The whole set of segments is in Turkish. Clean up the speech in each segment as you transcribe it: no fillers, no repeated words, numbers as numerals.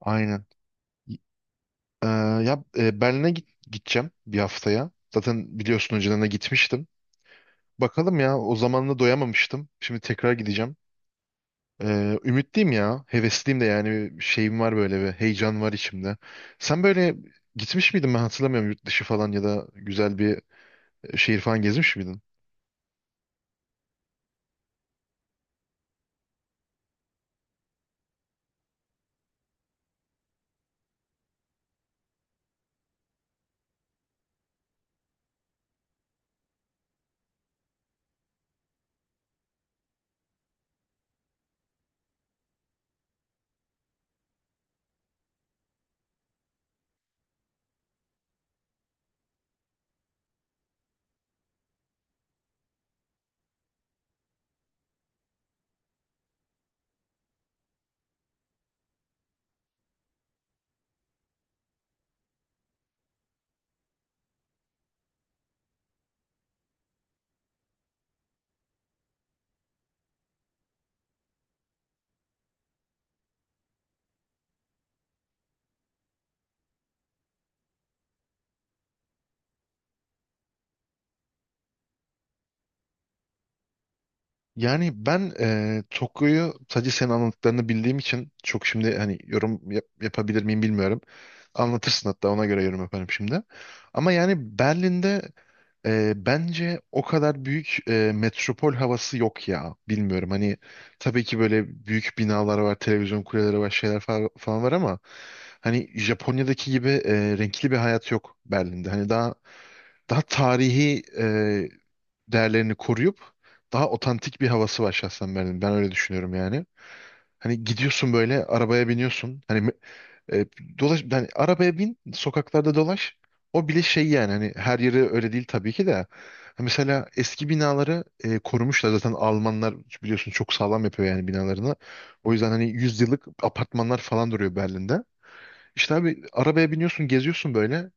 Aynen. Y- Ee, Berlin'e gideceğim bir haftaya. Zaten biliyorsun önceden de gitmiştim. Bakalım ya, o zaman da doyamamıştım. Şimdi tekrar gideceğim. Ümitliyim ya. Hevesliyim de, yani bir şeyim var, böyle bir heyecan var içimde. Sen böyle gitmiş miydin, ben hatırlamıyorum, yurt dışı falan ya da güzel bir şehir falan gezmiş miydin? Yani ben Tokyo'yu sadece senin anlattıklarını bildiğim için çok şimdi hani yapabilir miyim bilmiyorum. Anlatırsın, hatta ona göre yorum yaparım şimdi. Ama yani Berlin'de bence o kadar büyük metropol havası yok ya. Bilmiyorum, hani tabii ki böyle büyük binalar var, televizyon kuleleri var, falan var, ama hani Japonya'daki gibi renkli bir hayat yok Berlin'de. Hani daha tarihi değerlerini koruyup daha otantik bir havası var şahsen Berlin'in. Ben öyle düşünüyorum yani. Hani gidiyorsun, böyle arabaya biniyorsun. E, Dolaş yani, arabaya bin, sokaklarda dolaş. O bile şey yani, hani her yeri öyle değil tabii ki de. Ha, Mesela eski binaları korumuşlar zaten Almanlar, biliyorsun çok sağlam yapıyor yani binalarını. O yüzden hani yüzyıllık apartmanlar falan duruyor Berlin'de. İşte abi arabaya biniyorsun, geziyorsun böyle.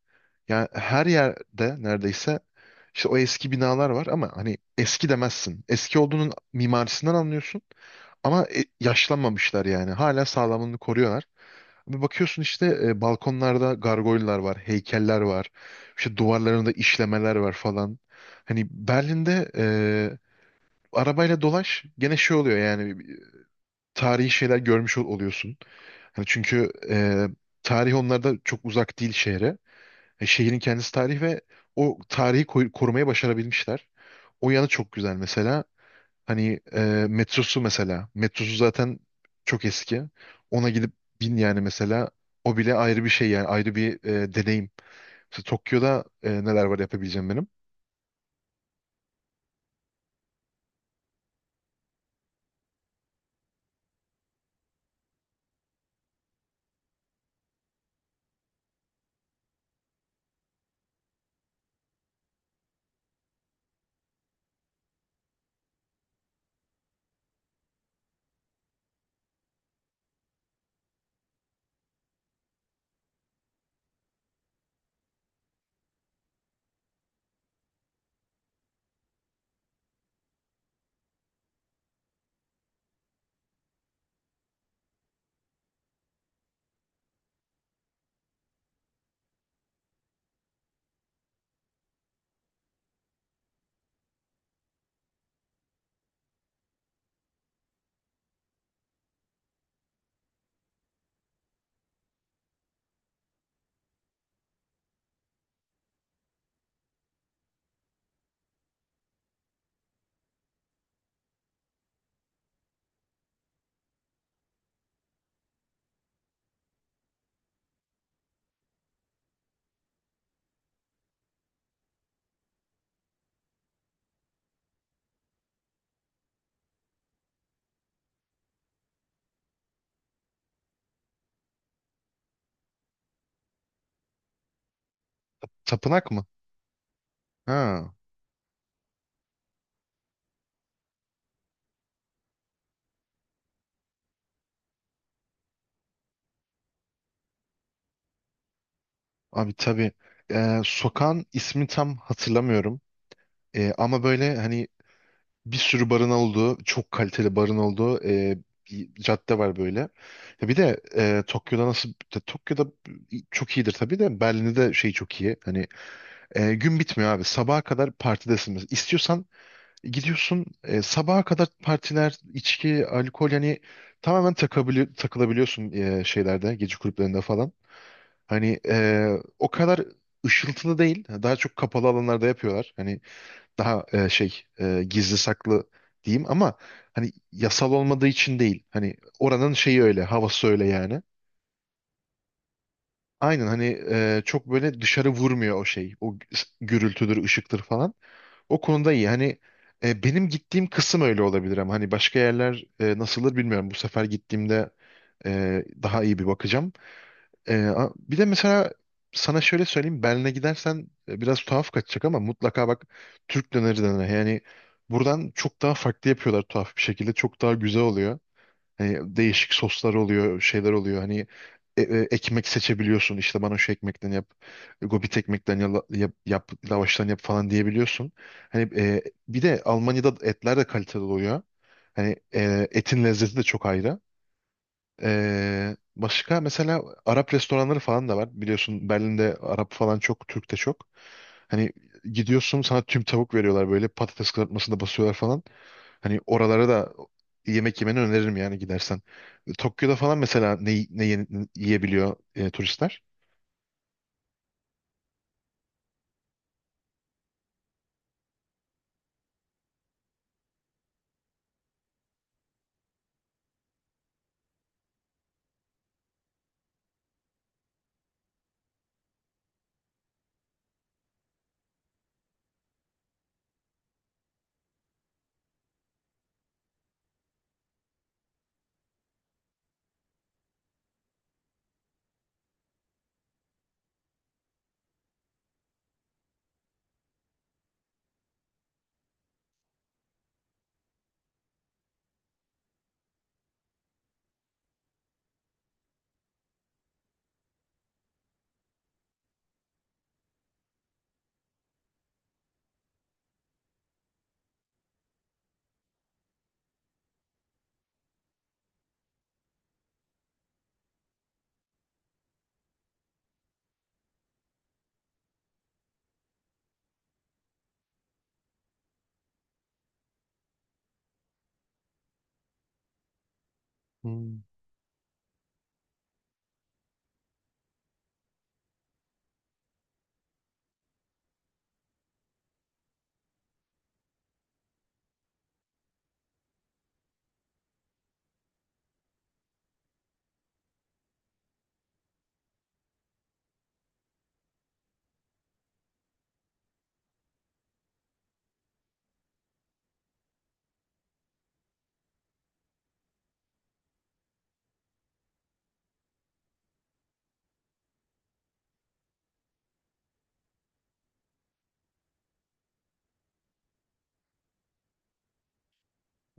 Yani her yerde neredeyse işte o eski binalar var, ama hani eski demezsin. Eski olduğunun mimarisinden anlıyorsun, ama yaşlanmamışlar yani. Hala sağlamlığını koruyorlar. Bir bakıyorsun, işte balkonlarda gargoylar var, heykeller var. İşte duvarlarında işlemeler var falan. Hani Berlin'de e, arabayla dolaş, gene şey oluyor yani, e, tarihi şeyler görmüş ol- oluyorsun. Hani çünkü tarih onlarda çok uzak değil şehre. Şehrin kendisi tarih ve o tarihi korumayı başarabilmişler. O yanı çok güzel mesela. Hani e, Metrosu mesela. Metrosu zaten çok eski. Ona gidip bin yani mesela. O bile ayrı bir şey yani, ayrı bir deneyim. Mesela Tokyo'da neler var yapabileceğim benim? Tapınak mı? Ha, Abi tabii. Sokağın ismi tam hatırlamıyorum. Ama böyle hani bir sürü barın olduğu, çok kaliteli barın olduğu bir cadde var böyle. Ya bir de Tokyo'da çok iyidir tabii, de Berlin'de de şey çok iyi. Gün bitmiyor abi. Sabaha kadar partidesin. Mesela İstiyorsan gidiyorsun, sabaha kadar partiler, içki, alkol, yani tamamen takılabiliyorsun şeylerde, gece kulüplerinde falan. Hani e, O kadar ışıltılı değil. Daha çok kapalı alanlarda yapıyorlar. Hani daha gizli saklı diyeyim, ama hani yasal olmadığı için değil. Hani oranın şeyi öyle, havası öyle yani. Aynen, çok böyle dışarı vurmuyor o şey. O gürültüdür, ışıktır falan. O konuda iyi. Benim gittiğim kısım öyle olabilir, ama hani başka yerler nasıldır bilmiyorum. Bu sefer gittiğimde daha iyi bir bakacağım. Bir de mesela sana şöyle söyleyeyim, Berlin'e gidersen, biraz tuhaf kaçacak ama mutlaka bak Türk döneri, döneri yani buradan çok daha farklı yapıyorlar, tuhaf bir şekilde çok daha güzel oluyor. Hani değişik soslar oluyor, şeyler oluyor, hani ekmek seçebiliyorsun, işte bana şu ekmekten yap, gobit ekmekten yap lavaştan yap falan diyebiliyorsun. Hani e, Bir de Almanya'da etler de kaliteli oluyor. Etin lezzeti de çok ayrı. Başka mesela Arap restoranları falan da var. Biliyorsun Berlin'de Arap falan çok, Türk de çok. Hani gidiyorsun, sana tüm tavuk veriyorlar, böyle patates kızartmasında basıyorlar falan. Hani oralara da yemek yemeni öneririm yani, gidersen. Tokyo'da falan mesela ne yiyebiliyor turistler?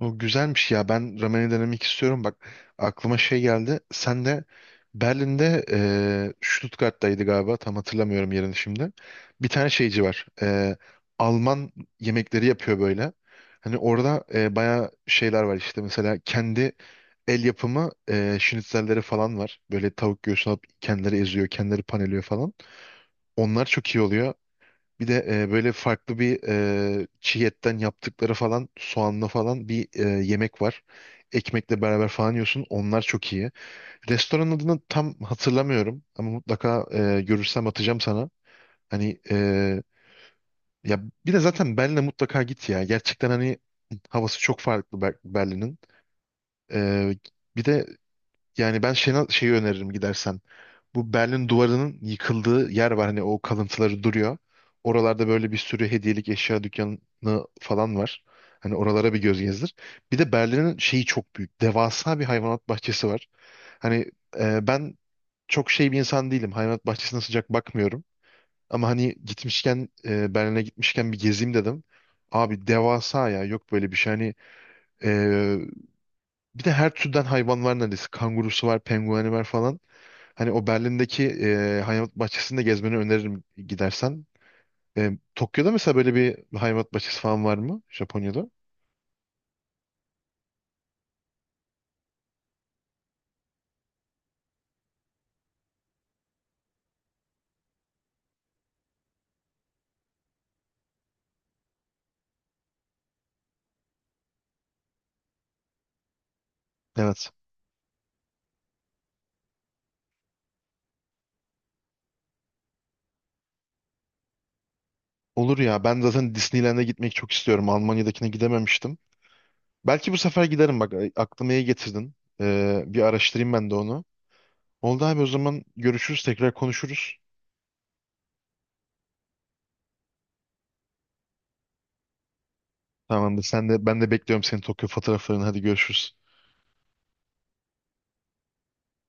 O güzelmiş ya. Ben ramen'i denemek istiyorum. Bak, aklıma şey geldi. Sen de Berlin'de, Stuttgart'taydı galiba. Tam hatırlamıyorum yerini şimdi. Bir tane şeyci var. Alman yemekleri yapıyor böyle. Hani orada bayağı şeyler var işte. Mesela kendi el yapımı schnitzelleri falan var. Böyle tavuk göğsünü alıp kendileri eziyor, kendileri paneliyor falan. Onlar çok iyi oluyor. Bir de böyle farklı bir çiğ etten yaptıkları falan, soğanlı falan bir yemek var. Ekmekle beraber falan yiyorsun. Onlar çok iyi. Restoranın adını tam hatırlamıyorum, ama mutlaka görürsem atacağım sana. Hani e, ya bir de zaten Berlin'e mutlaka git ya. Gerçekten hani havası çok farklı Berlin'in. E, Bir de yani ben şeyi öneririm gidersen. Bu Berlin Duvarı'nın yıkıldığı yer var. Hani o kalıntıları duruyor. Oralarda böyle bir sürü hediyelik eşya dükkanı falan var. Hani oralara bir göz gezdir. Bir de Berlin'in şeyi çok büyük. Devasa bir hayvanat bahçesi var. Hani Ben çok şey bir insan değilim. Hayvanat bahçesine sıcak bakmıyorum. Ama hani gitmişken, Berlin'e gitmişken bir gezeyim dedim. Abi devasa ya, yok böyle bir şey. E, Bir de her türden hayvan var neredeyse. Kangurusu var, pengueni var falan. Hani o Berlin'deki hayvanat bahçesinde gezmeni öneririm gidersen. Tokyo'da mesela böyle bir hayvanat bahçesi falan var mı? Japonya'da? Evet. Olur ya. Ben zaten Disneyland'e gitmek çok istiyorum. Almanya'dakine gidememiştim. Belki bu sefer giderim, bak aklıma iyi getirdin. Bir araştırayım ben de onu. Oldu abi, o zaman görüşürüz, tekrar konuşuruz. Tamamdır, sen de, ben de bekliyorum senin Tokyo fotoğraflarını, hadi görüşürüz.